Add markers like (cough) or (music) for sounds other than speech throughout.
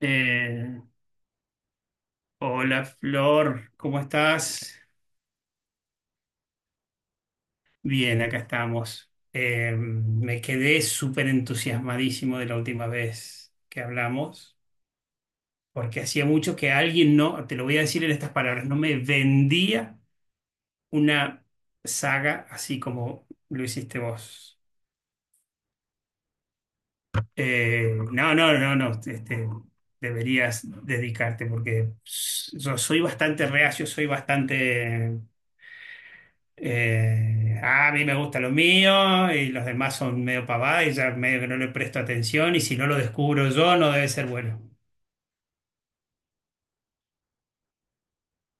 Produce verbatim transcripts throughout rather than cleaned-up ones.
Eh, Hola Flor, ¿cómo estás? Bien, acá estamos. Eh, me quedé súper entusiasmadísimo de la última vez que hablamos, porque hacía mucho que alguien no, te lo voy a decir en estas palabras, no me vendía una saga así como lo hiciste vos. Eh, no, no, no, no, este, deberías dedicarte porque s- yo soy bastante reacio, soy bastante Eh, ah, a mí me gustan los míos y los demás son medio pavada y ya medio que no le presto atención y si no lo descubro yo no debe ser bueno.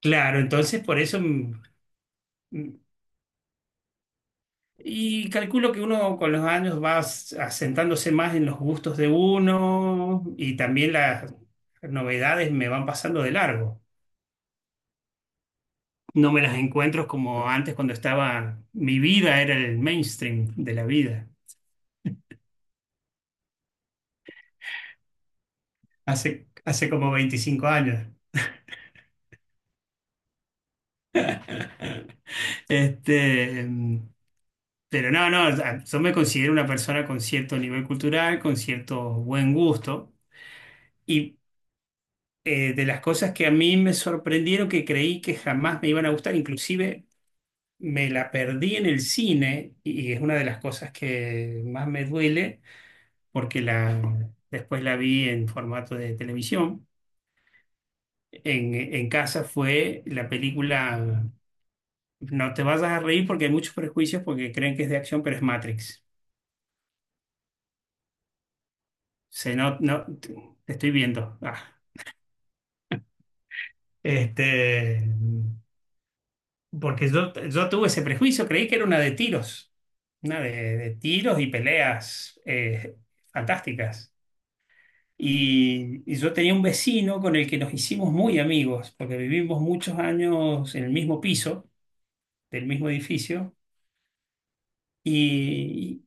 Claro, entonces por eso mm, mm, y calculo que uno con los años va as- asentándose más en los gustos de uno y también las novedades me van pasando de largo. No me las encuentro como antes cuando estaba, mi vida era el mainstream de la vida, hace, hace como veinticinco años. (laughs) Este, pero no, no, yo me considero una persona con cierto nivel cultural, con cierto buen gusto, y eh, de las cosas que a mí me sorprendieron, que creí que jamás me iban a gustar, inclusive me la perdí en el cine, y es una de las cosas que más me duele, porque la, después la vi en formato de televisión. En, en casa fue la película, no te vayas a reír porque hay muchos prejuicios porque creen que es de acción, pero es Matrix. Se No, no, te te estoy viendo. Ah, este, porque yo, yo tuve ese prejuicio, creí que era una de tiros, una de, de tiros y peleas eh, fantásticas. Y, y yo tenía un vecino con el que nos hicimos muy amigos, porque vivimos muchos años en el mismo piso, del mismo edificio, y,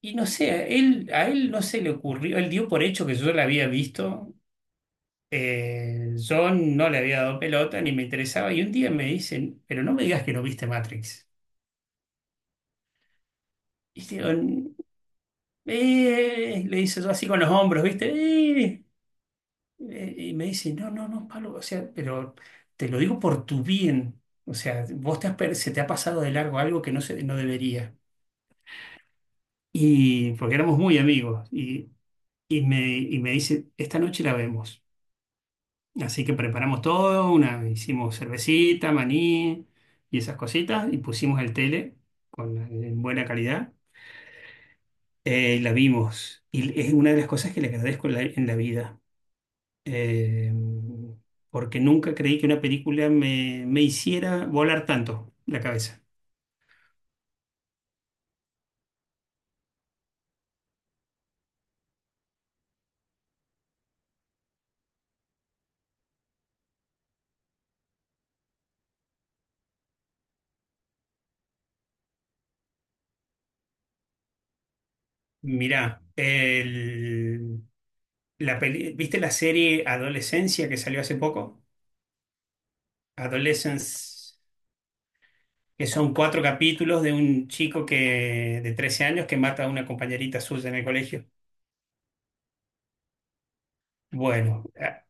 y no sé, a él, a él no se le ocurrió, él dio por hecho que yo la había visto. Eh, yo no le había dado pelota ni me interesaba y un día me dicen, pero no me digas que no viste Matrix. Y digo, eh", le hice yo así con los hombros, ¿viste? "Eh". Eh, y me dice, no, no, no, Pablo, o sea, pero te lo digo por tu bien. O sea, vos te has per- se te ha pasado de largo algo que no, se, no debería. Y porque éramos muy amigos. Y, y, me, y me dice, esta noche la vemos. Así que preparamos todo, una, hicimos cervecita, maní y esas cositas, y pusimos el tele con, en buena calidad. Eh, y la vimos. Y es una de las cosas que le agradezco en la, en la vida. Eh, Porque nunca creí que una película me, me hiciera volar tanto la cabeza. Mirá, el- la peli- ¿viste la serie Adolescencia que salió hace poco? Adolescence. Que son cuatro capítulos de un chico que, de trece años que mata a una compañerita suya en el colegio. Bueno, ah,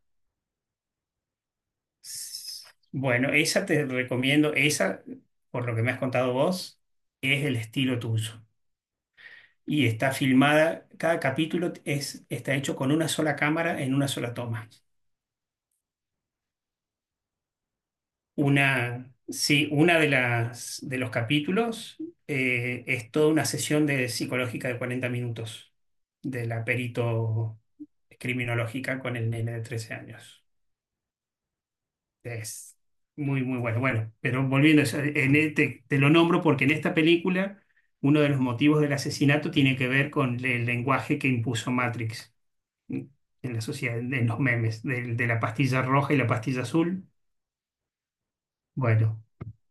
s- bueno, esa te recomiendo, esa, por lo que me has contado vos, es el estilo tuyo. Y está filmada, cada capítulo es, está hecho con una sola cámara en una sola toma. Una, sí, una de las de los capítulos eh, es toda una sesión de psicológica de cuarenta minutos de la perito criminológica con el nene de trece años. Es muy, muy bueno. Bueno, pero volviendo a eso, en e- te, te lo nombro porque en esta película uno de los motivos del asesinato tiene que ver con el lenguaje que impuso Matrix en la sociedad, en los memes, del- de la pastilla roja y la pastilla azul. Bueno.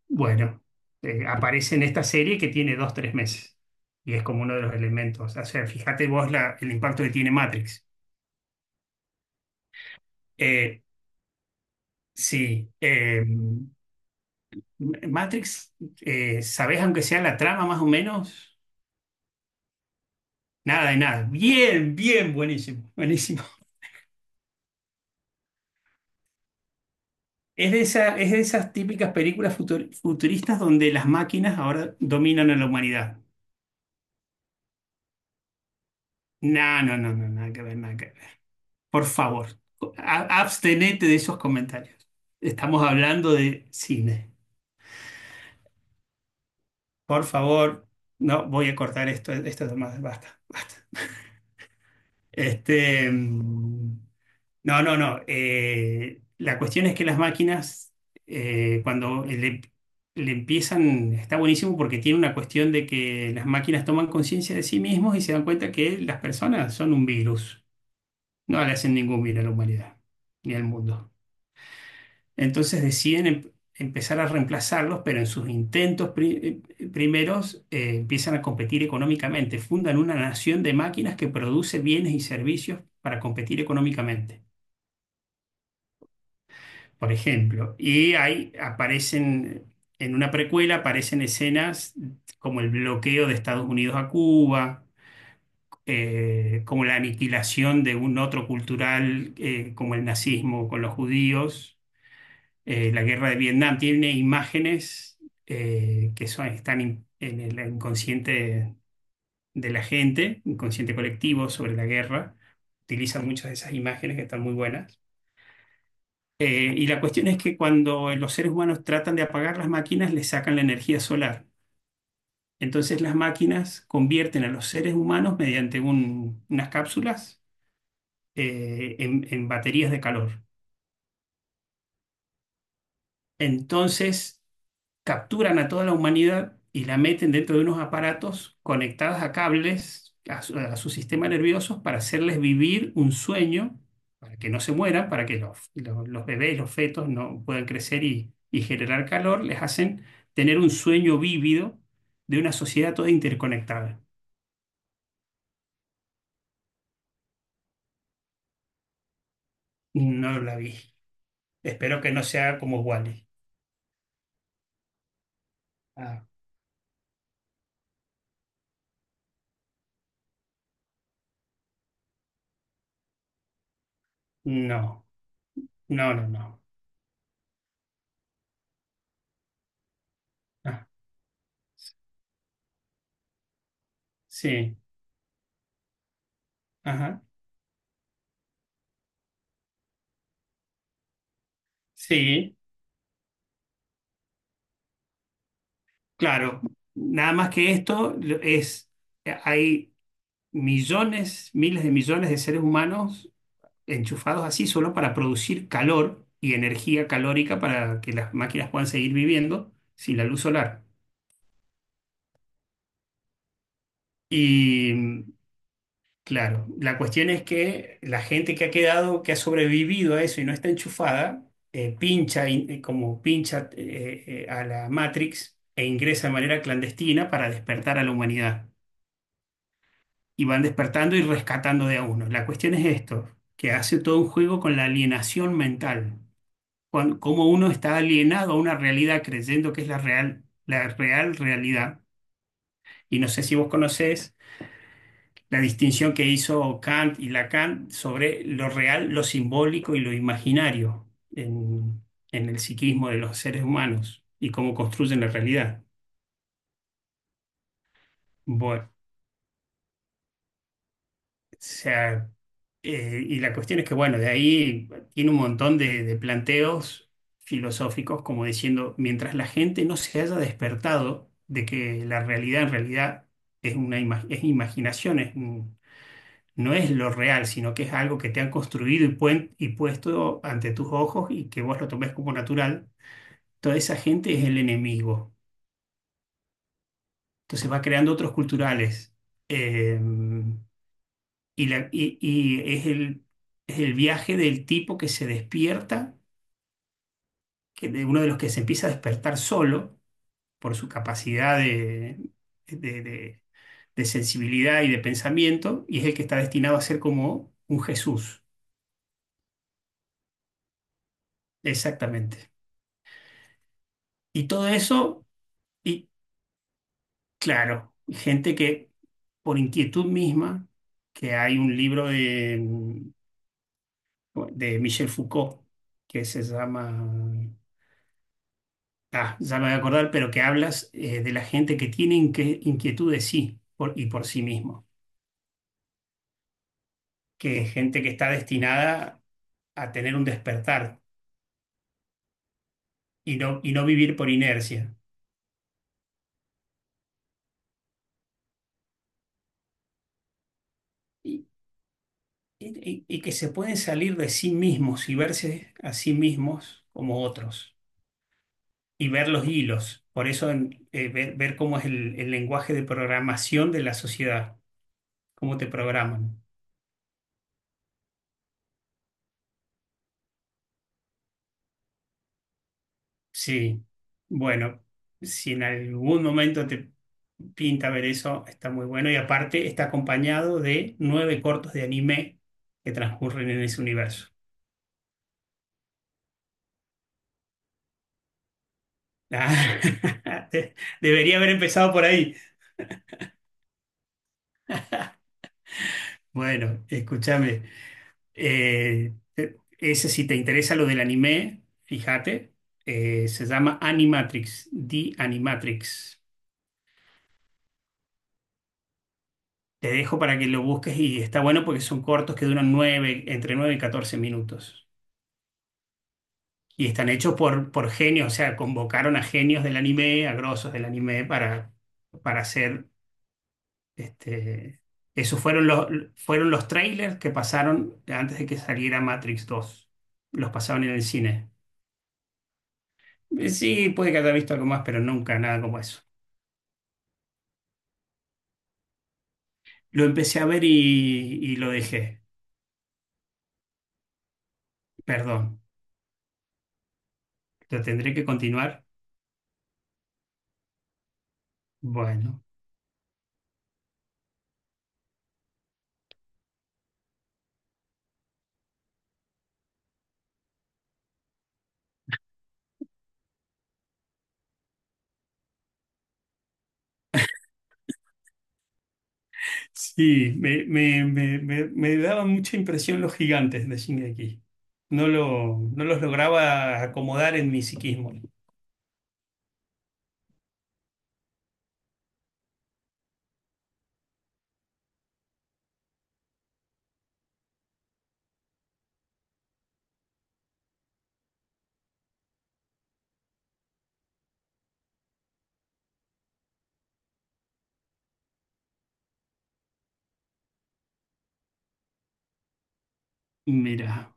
Bueno, eh, aparece en esta serie que tiene dos, tres meses. Y es como uno de los elementos. O sea, fíjate vos la- el impacto que tiene Matrix. Eh, sí, eh, Matrix, eh, ¿sabés aunque sea la trama más o menos? Nada de nada. Bien, bien, buenísimo, buenísimo. Es de esa, es de esas típicas películas futur- futuristas donde las máquinas ahora dominan a la humanidad. No, no, no, no, nada que ver, nada que ver. Por favor, a- abstenete de esos comentarios. Estamos hablando de cine. Por favor, no, voy a cortar esto, esto es más, basta, basta. Este, mm, no, no, no. Eh, la cuestión es que las máquinas, eh, cuando le, le empiezan, está buenísimo porque tiene una cuestión de que las máquinas toman conciencia de sí mismos y se dan cuenta que las personas son un virus. No le hacen ningún bien a la humanidad ni al mundo. Entonces deciden em- empezar a reemplazarlos, pero en sus intentos pri- eh, eh, primeros eh, empiezan a competir económicamente. Fundan una nación de máquinas que produce bienes y servicios para competir económicamente, por ejemplo. Y ahí aparecen, en una precuela, aparecen escenas como el bloqueo de Estados Unidos a Cuba. Eh, como la aniquilación de un otro cultural, eh, como el nazismo con los judíos, eh, la guerra de Vietnam, tiene imágenes eh, que son, están in- en el inconsciente de la gente, inconsciente colectivo sobre la guerra. Utilizan muchas de esas imágenes que están muy buenas. Eh, y la cuestión es que cuando los seres humanos tratan de apagar las máquinas, les sacan la energía solar. Entonces las máquinas convierten a los seres humanos mediante un- unas cápsulas eh, en en baterías de calor. Entonces capturan a toda la humanidad y la meten dentro de unos aparatos conectados a cables, a su, a su sistema nervioso, para hacerles vivir un sueño, para que no se mueran, para que los, los, los bebés, los fetos no puedan crecer y, y generar calor, les hacen tener un sueño vívido de una sociedad toda interconectada. No la vi. Espero que no sea como Wally. No, no, no, no. Ah, sí, ajá, sí. Claro, nada más que esto lo- es, hay millones, miles de millones de seres humanos enchufados así solo para producir calor y energía calórica para que las máquinas puedan seguir viviendo sin la luz solar. Y mm, claro, la cuestión es que la gente que ha quedado, que ha sobrevivido a eso y no está enchufada, eh, pincha in- eh, como pincha eh, eh, a la Matrix e ingresa de manera clandestina para despertar a la humanidad. Y van despertando y rescatando de a uno. La cuestión es esto, que hace todo un juego con la alienación mental, cuando, cómo uno está alienado a una realidad creyendo que es la real, la real realidad. Y no sé si vos conocés la distinción que hizo Kant y Lacan sobre lo real, lo simbólico y lo imaginario en, en el psiquismo de los seres humanos y cómo construyen la realidad. Bueno, sea, eh, y la cuestión es que, bueno, de ahí tiene un montón de, de planteos filosóficos, como diciendo, mientras la gente no se haya despertado de que la realidad en realidad es una ima- es imaginación, es un- no es lo real, sino que es algo que te han construido y, puen- y puesto ante tus ojos y que vos lo tomes como natural, toda esa gente es el enemigo. Entonces va creando otros culturales. eh, Y, la- y- y es el, es el viaje del tipo que se despierta, que de uno de los que se empieza a despertar solo por su capacidad de, de- de- de sensibilidad y de pensamiento, y es el que está destinado a ser como un Jesús, exactamente. Y todo eso, y claro, gente que por inquietud misma, que hay un libro de, de Michel Foucault que se llama ah, ya me voy a acordar, pero que hablas eh, de la gente que tiene inque- inquietud de sí por- y por sí mismo, que es gente que está destinada a tener un despertar y no, y no vivir por inercia, y, y- y- que se pueden salir de sí mismos y verse a sí mismos como otros y ver los hilos. Por eso en- eh, ver, ver, cómo es el, el lenguaje de programación de la sociedad, cómo te programan. Sí, bueno, si en algún momento te pinta ver eso, está muy bueno. Y aparte está acompañado de nueve cortos de anime que transcurren en ese universo. Ah, (laughs) de- debería haber empezado por ahí. Bueno, escúchame. Eh, eh, ese, si te interesa lo del anime, fíjate, eh, se llama Animatrix, The Animatrix. Te dejo para que lo busques y está bueno porque son cortos que duran nueve, entre nueve y catorce minutos. Y están hechos por, por genios, o sea, convocaron a genios del anime, a grosos del anime para, para hacer este. Esos fueron los, fueron los trailers que pasaron antes de que saliera Matrix dos. Los pasaban en el cine. Eh, Sí, puede que haya visto algo más, pero nunca nada como eso. Lo empecé a ver y, y lo dejé. Perdón. ¿Lo tendré que continuar? Bueno. Sí, me, me, me, me, me daban mucha impresión los gigantes de Shingeki. No, lo, no los lograba acomodar en mi psiquismo. Mira.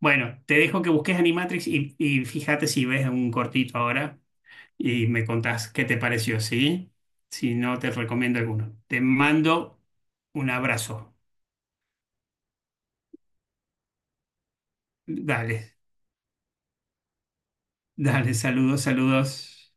Bueno, te dejo que busques Animatrix y, y fíjate si ves un cortito ahora y me contás qué te pareció, ¿sí? Si no, te recomiendo alguno. Te mando un abrazo. Dale, dale, saludos, saludos.